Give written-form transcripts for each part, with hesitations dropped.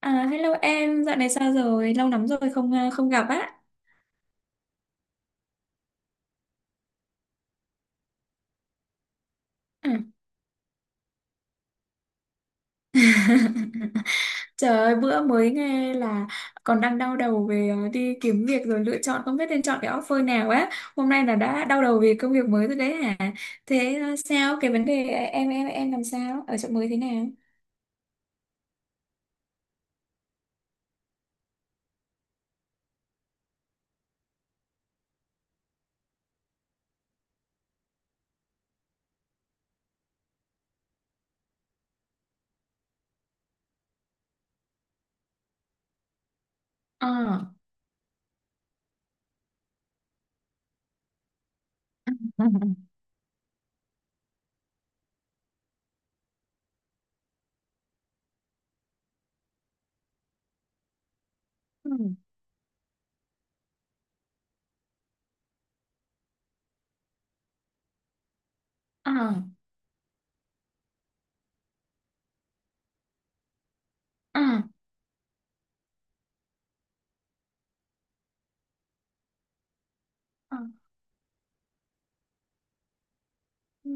À, hello em, dạo này sao rồi? Lâu lắm rồi không gặp á. Ừ. Trời ơi, bữa mới nghe là còn đang đau đầu về đi kiếm việc rồi lựa chọn không biết nên chọn cái offer nào á. Hôm nay là đã đau đầu vì công việc mới rồi đấy hả? Thế sao cái vấn đề em làm sao? Ở chỗ mới thế nào? Ờ. Ừ. Ờ. Ờ. Ờ.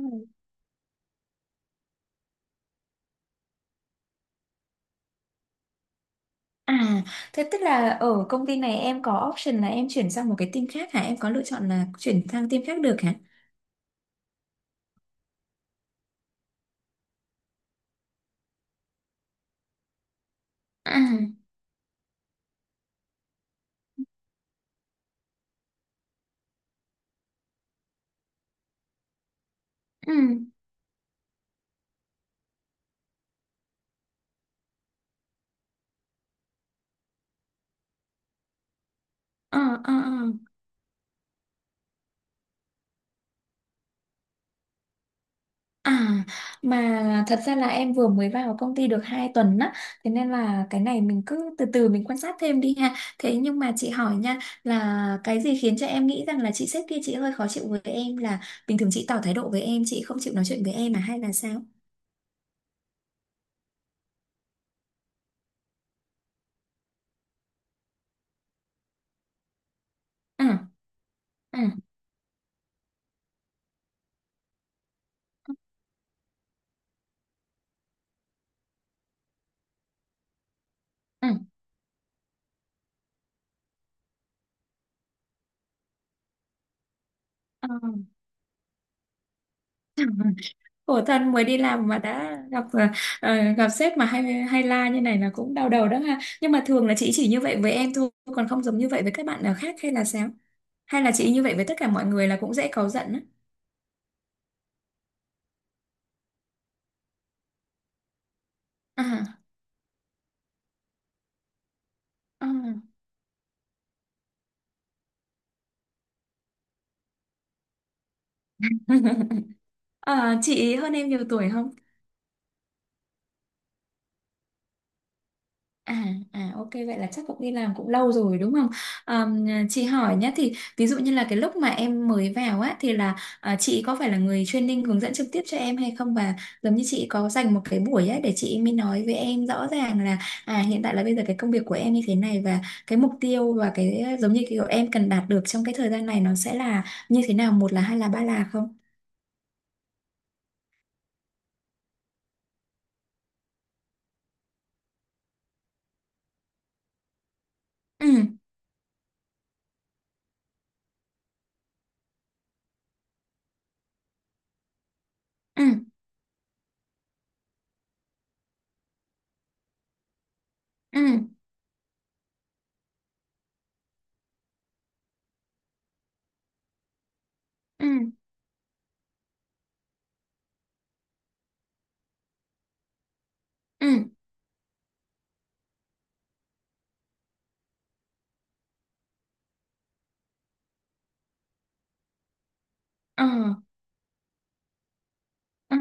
À, thế tức là ở công ty này em có option là em chuyển sang một cái team khác hả? Em có lựa chọn là chuyển sang team khác được hả? À, ừ, ờ, ờ, ờ. À, mà thật ra là em vừa mới vào công ty được 2 tuần á, thế nên là cái này mình cứ từ từ mình quan sát thêm đi ha. Thế nhưng mà chị hỏi nha, là cái gì khiến cho em nghĩ rằng là chị sếp kia chị hơi khó chịu với em, là bình thường chị tỏ thái độ với em, chị không chịu nói chuyện với em à hay là sao? Ừ, ừ, ừ, ừ. Khổ thân, mới đi làm mà đã gặp gặp sếp mà hay hay la như này là cũng đau đầu đó ha, nhưng mà thường là chị chỉ như vậy với em thôi còn không giống như vậy với các bạn nào khác hay là sao, hay là chị như vậy với tất cả mọi người là cũng dễ cáu giận á? À, à. Ờ, chị hơn em nhiều tuổi không? À, à ok, vậy là chắc cũng đi làm cũng lâu rồi đúng không? Chị hỏi nhé, thì ví dụ như là cái lúc mà em mới vào á thì là chị có phải là người training hướng dẫn trực tiếp cho em hay không, và giống như chị có dành một cái buổi á để chị mới nói với em rõ ràng là hiện tại là bây giờ cái công việc của em như thế này, và cái mục tiêu và cái, giống như kiểu em cần đạt được trong cái thời gian này nó sẽ là như thế nào, một là hai là ba là không? Ừ, ừ, ừ, ừ, ừ, ờ, ờ. Ừ.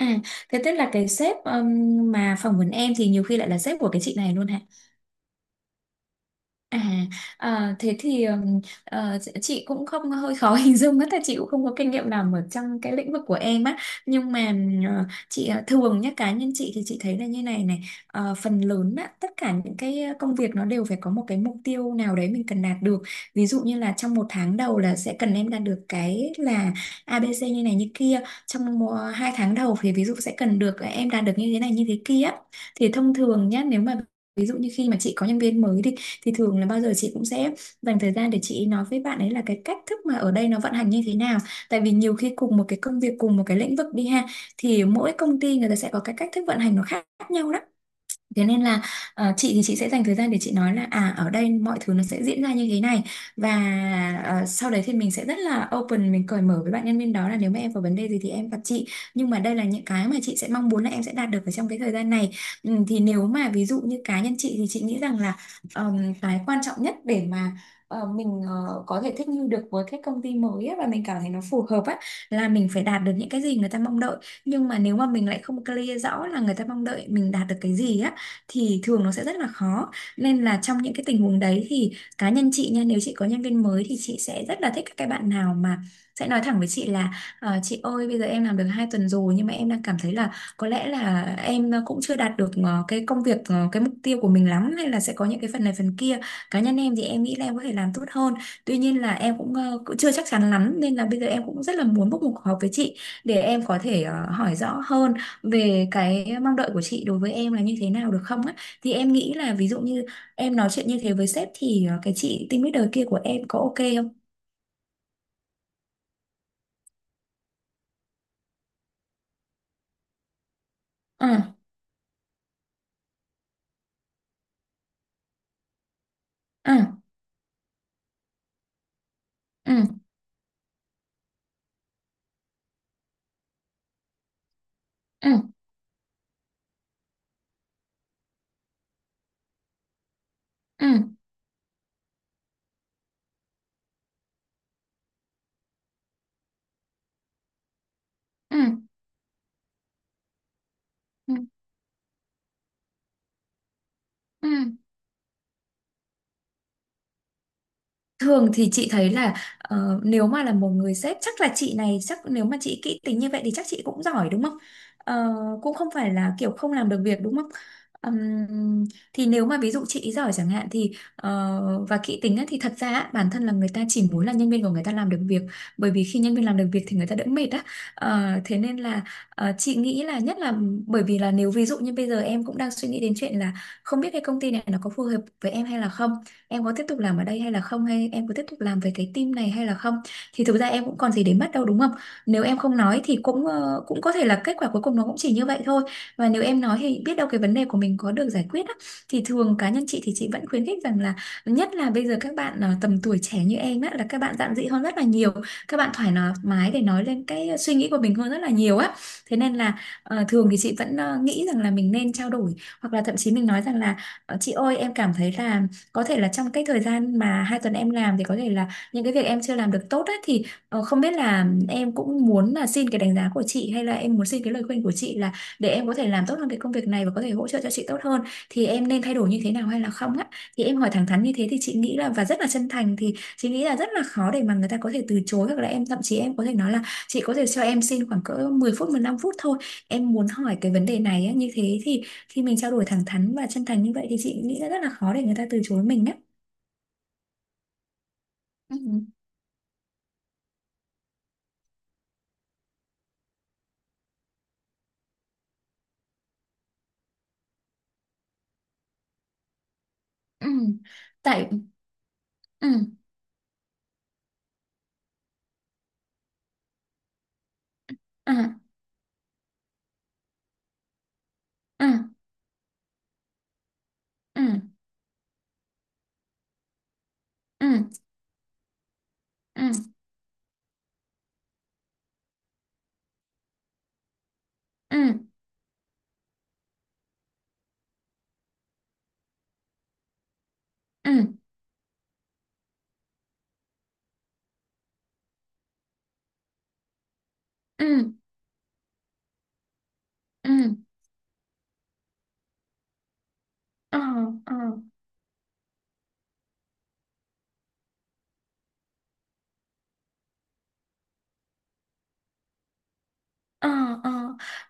À, thế tức là cái sếp mà phỏng vấn em thì nhiều khi lại là sếp của cái chị này luôn hả? À, à thế thì chị cũng không hơi khó hình dung á, tại chị cũng không có kinh nghiệm làm ở trong cái lĩnh vực của em á, nhưng mà chị thường nhá, cá nhân chị thì chị thấy là như này này. Ờ, phần lớn á tất cả những cái công việc nó đều phải có một cái mục tiêu nào đấy mình cần đạt được. Ví dụ như là trong một tháng đầu là sẽ cần em đạt được cái là ABC như này như kia, trong một, hai tháng đầu thì ví dụ sẽ cần được em đạt được như thế này như thế kia, thì thông thường nhá, nếu mà ví dụ như khi mà chị có nhân viên mới thì thường là bao giờ chị cũng sẽ dành thời gian để chị nói với bạn ấy là cái cách thức mà ở đây nó vận hành như thế nào, tại vì nhiều khi cùng một cái công việc cùng một cái lĩnh vực đi ha, thì mỗi công ty người ta sẽ có cái cách thức vận hành nó khác nhau đó. Thế nên là chị thì chị sẽ dành thời gian để chị nói là à ở đây mọi thứ nó sẽ diễn ra như thế này, và sau đấy thì mình sẽ rất là open, mình cởi mở với bạn nhân viên đó là nếu mà em có vấn đề gì thì em gặp chị, nhưng mà đây là những cái mà chị sẽ mong muốn là em sẽ đạt được ở trong cái thời gian này. Ừ, thì nếu mà ví dụ như cá nhân chị thì chị nghĩ rằng là cái quan trọng nhất để mà mình có thể thích nghi được với cái công ty mới á, và mình cảm thấy nó phù hợp á, là mình phải đạt được những cái gì người ta mong đợi, nhưng mà nếu mà mình lại không clear rõ là người ta mong đợi mình đạt được cái gì á thì thường nó sẽ rất là khó. Nên là trong những cái tình huống đấy thì cá nhân chị nha, nếu chị có nhân viên mới thì chị sẽ rất là thích các cái bạn nào mà sẽ nói thẳng với chị là: "Ờ, chị ơi, bây giờ em làm được 2 tuần rồi nhưng mà em đang cảm thấy là có lẽ là em cũng chưa đạt được cái công việc, cái mục tiêu của mình lắm, hay là sẽ có những cái phần này phần kia. Cá nhân em thì em nghĩ là em có thể làm tốt hơn, tuy nhiên là em cũng chưa chắc chắn lắm, nên là bây giờ em cũng rất là muốn book một cuộc họp với chị để em có thể hỏi rõ hơn về cái mong đợi của chị đối với em là như thế nào được không á." Thì em nghĩ là ví dụ như em nói chuyện như thế với sếp thì cái chị team leader kia của em có ok không? Ừ, ừ, ừ, ừ, ừ, ừ, ừ, ừ. Thường thì chị thấy là nếu mà là một người sếp, chắc là chị này chắc nếu mà chị kỹ tính như vậy thì chắc chị cũng giỏi đúng không? Ờ, cũng không phải là kiểu không làm được việc đúng không? Ừm, thì nếu mà ví dụ chị giỏi chẳng hạn thì và kỹ tính á, thì thật ra á, bản thân là người ta chỉ muốn là nhân viên của người ta làm được việc, bởi vì khi nhân viên làm được việc thì người ta đỡ mệt á. Ờ, thế nên là chị nghĩ là nhất là, bởi vì là nếu ví dụ như bây giờ em cũng đang suy nghĩ đến chuyện là không biết cái công ty này nó có phù hợp với em hay là không, em có tiếp tục làm ở đây hay là không, hay em có tiếp tục làm về cái team này hay là không, thì thực ra em cũng còn gì để mất đâu đúng không. Nếu em không nói thì cũng có thể là kết quả cuối cùng nó cũng chỉ như vậy thôi, và nếu em nói thì biết đâu cái vấn đề của mình có được giải quyết á. Thì thường cá nhân chị thì chị vẫn khuyến khích rằng là, nhất là bây giờ các bạn tầm tuổi trẻ như em á là các bạn dạn dĩ hơn rất là nhiều, các bạn thoải mái để nói lên cái suy nghĩ của mình hơn rất là nhiều á, thế nên là thường thì chị vẫn nghĩ rằng là mình nên trao đổi, hoặc là thậm chí mình nói rằng là: "Ờ, chị ơi em cảm thấy là có thể là trong cái thời gian mà hai tuần em làm thì có thể là những cái việc em chưa làm được tốt ấy, thì không biết là em cũng muốn là xin cái đánh giá của chị, hay là em muốn xin cái lời khuyên của chị là để em có thể làm tốt hơn cái công việc này và có thể hỗ trợ cho chị tốt hơn thì em nên thay đổi như thế nào hay là không á." Thì em hỏi thẳng thắn như thế thì chị nghĩ là, và rất là chân thành, thì chị nghĩ là rất là khó để mà người ta có thể từ chối. Hoặc là em thậm chí em có thể nói là chị có thể cho em xin khoảng cỡ 10 phút 15 phút thôi, em muốn hỏi cái vấn đề này á, như thế thì khi mình trao đổi thẳng thắn và chân thành như vậy thì chị nghĩ là rất là khó để người ta từ chối mình á. Ừ, ừ, tại ừ, ừ, ừ, ừ, ừ, ừ, ừ, ừ, ừ, ừ, ừ, ờ, ờ. Ờ, ờ,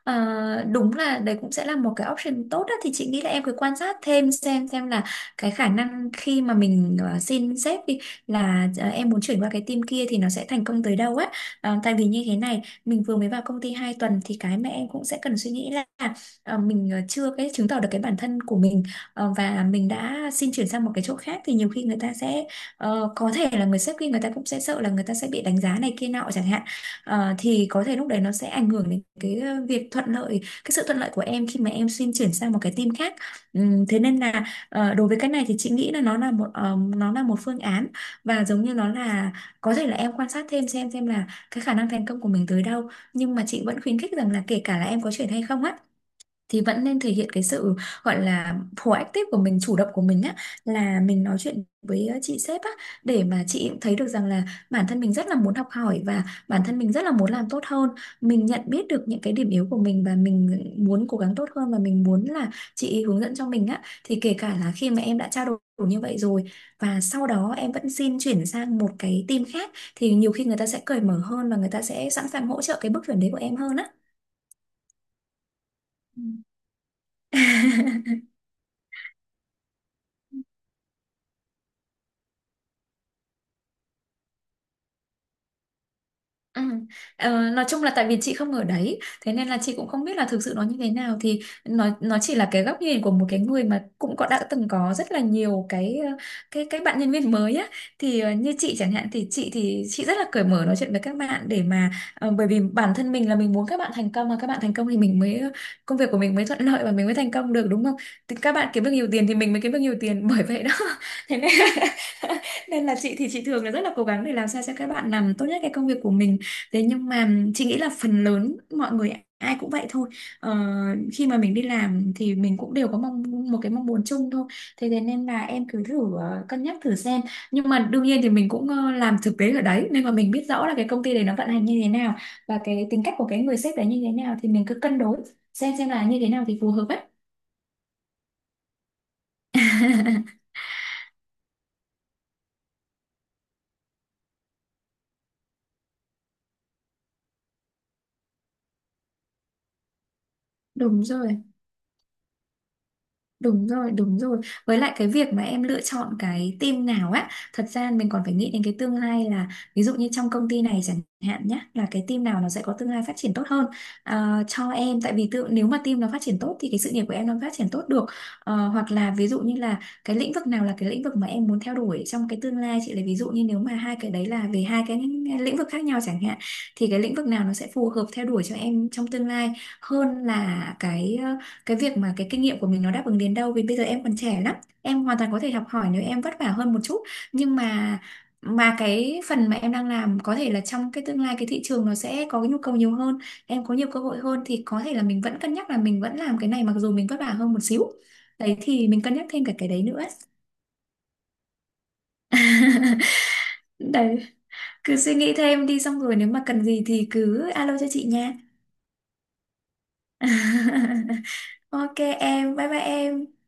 ờ, đúng là đấy cũng sẽ là một cái option tốt đó. Thì chị nghĩ là em cứ quan sát thêm xem là cái khả năng khi mà mình xin sếp đi, là em muốn chuyển qua cái team kia thì nó sẽ thành công tới đâu á. Tại vì như thế này, mình vừa mới vào công ty 2 tuần, thì cái mà em cũng sẽ cần suy nghĩ là mình chưa cái chứng tỏ được cái bản thân của mình. Và mình đã xin chuyển sang một cái chỗ khác thì nhiều khi người ta sẽ có thể là người sếp kia người ta cũng sẽ sợ là người ta sẽ bị đánh giá này kia nọ chẳng hạn. Thì có thể lúc đấy nó sẽ ảnh hưởng đến cái việc thuận lợi cái sự thuận lợi của em khi mà em xin chuyển sang một cái team khác. Thế nên là đối với cái này thì chị nghĩ là nó là một phương án. Và giống như nó là, có thể là em quan sát thêm xem là cái khả năng thành công của mình tới đâu, nhưng mà chị vẫn khuyến khích rằng là kể cả là em có chuyển hay không á, thì vẫn nên thể hiện cái sự gọi là proactive của mình, chủ động của mình á. Là mình nói chuyện với chị sếp á, để mà chị cũng thấy được rằng là bản thân mình rất là muốn học hỏi và bản thân mình rất là muốn làm tốt hơn, mình nhận biết được những cái điểm yếu của mình và mình muốn cố gắng tốt hơn, và mình muốn là chị hướng dẫn cho mình á. Thì kể cả là khi mà em đã trao đổi như vậy rồi và sau đó em vẫn xin chuyển sang một cái team khác, thì nhiều khi người ta sẽ cởi mở hơn và người ta sẽ sẵn sàng hỗ trợ cái bước chuyển đấy của em hơn á. Ừ. Ừ. Nói chung là tại vì chị không ở đấy, thế nên là chị cũng không biết là thực sự nó như thế nào. Thì nó chỉ là cái góc nhìn của một cái người mà cũng có đã từng có rất là nhiều cái cái bạn nhân viên mới á. Thì như chị chẳng hạn, thì chị rất là cởi mở nói chuyện với các bạn để mà bởi vì bản thân mình là mình muốn các bạn thành công, mà các bạn thành công thì mình mới công việc của mình mới thuận lợi và mình mới thành công được, đúng không? Thì các bạn kiếm được nhiều tiền thì mình mới kiếm được nhiều tiền, bởi vậy đó. Thế nên nên là chị thường là rất là cố gắng để làm sao cho các bạn làm tốt nhất cái công việc của mình. Thế nhưng mà chị nghĩ là phần lớn mọi người ai cũng vậy thôi. Ờ, Khi mà mình đi làm thì mình cũng đều có mong một cái mong muốn chung thôi. Thế thế nên là em cứ thử cân nhắc thử xem. Nhưng mà đương nhiên thì mình cũng làm thực tế ở đấy nên mà mình biết rõ là cái công ty đấy nó vận hành như thế nào và cái tính cách của cái người sếp đấy như thế nào, thì mình cứ cân đối xem là như thế nào thì phù hợp ấy. Đúng rồi. Đúng rồi, đúng rồi. Với lại cái việc mà em lựa chọn cái team nào á, thật ra mình còn phải nghĩ đến cái tương lai, là ví dụ như trong công ty này chẳng hạn nhá, là cái team nào nó sẽ có tương lai phát triển tốt hơn, à, cho em. Tại vì tự nếu mà team nó phát triển tốt thì cái sự nghiệp của em nó phát triển tốt được. Hoặc là ví dụ như là cái lĩnh vực nào là cái lĩnh vực mà em muốn theo đuổi trong cái tương lai. Chị lấy ví dụ như nếu mà hai cái đấy là về hai cái lĩnh vực khác nhau chẳng hạn, thì cái lĩnh vực nào nó sẽ phù hợp theo đuổi cho em trong tương lai, hơn là cái cái việc mà cái kinh nghiệm của mình nó đáp ứng đến đâu. Vì bây giờ em còn trẻ lắm, em hoàn toàn có thể học hỏi nếu em vất vả hơn một chút. Nhưng mà cái phần mà em đang làm có thể là trong cái tương lai cái thị trường nó sẽ có cái nhu cầu nhiều hơn, em có nhiều cơ hội hơn, thì có thể là mình vẫn cân nhắc là mình vẫn làm cái này mặc dù mình vất vả hơn một xíu. Đấy, thì mình cân nhắc thêm cả cái đấy nữa. Đấy, cứ suy nghĩ thêm đi xong rồi nếu mà cần gì thì cứ alo cho chị nha. Ok em, bye bye em.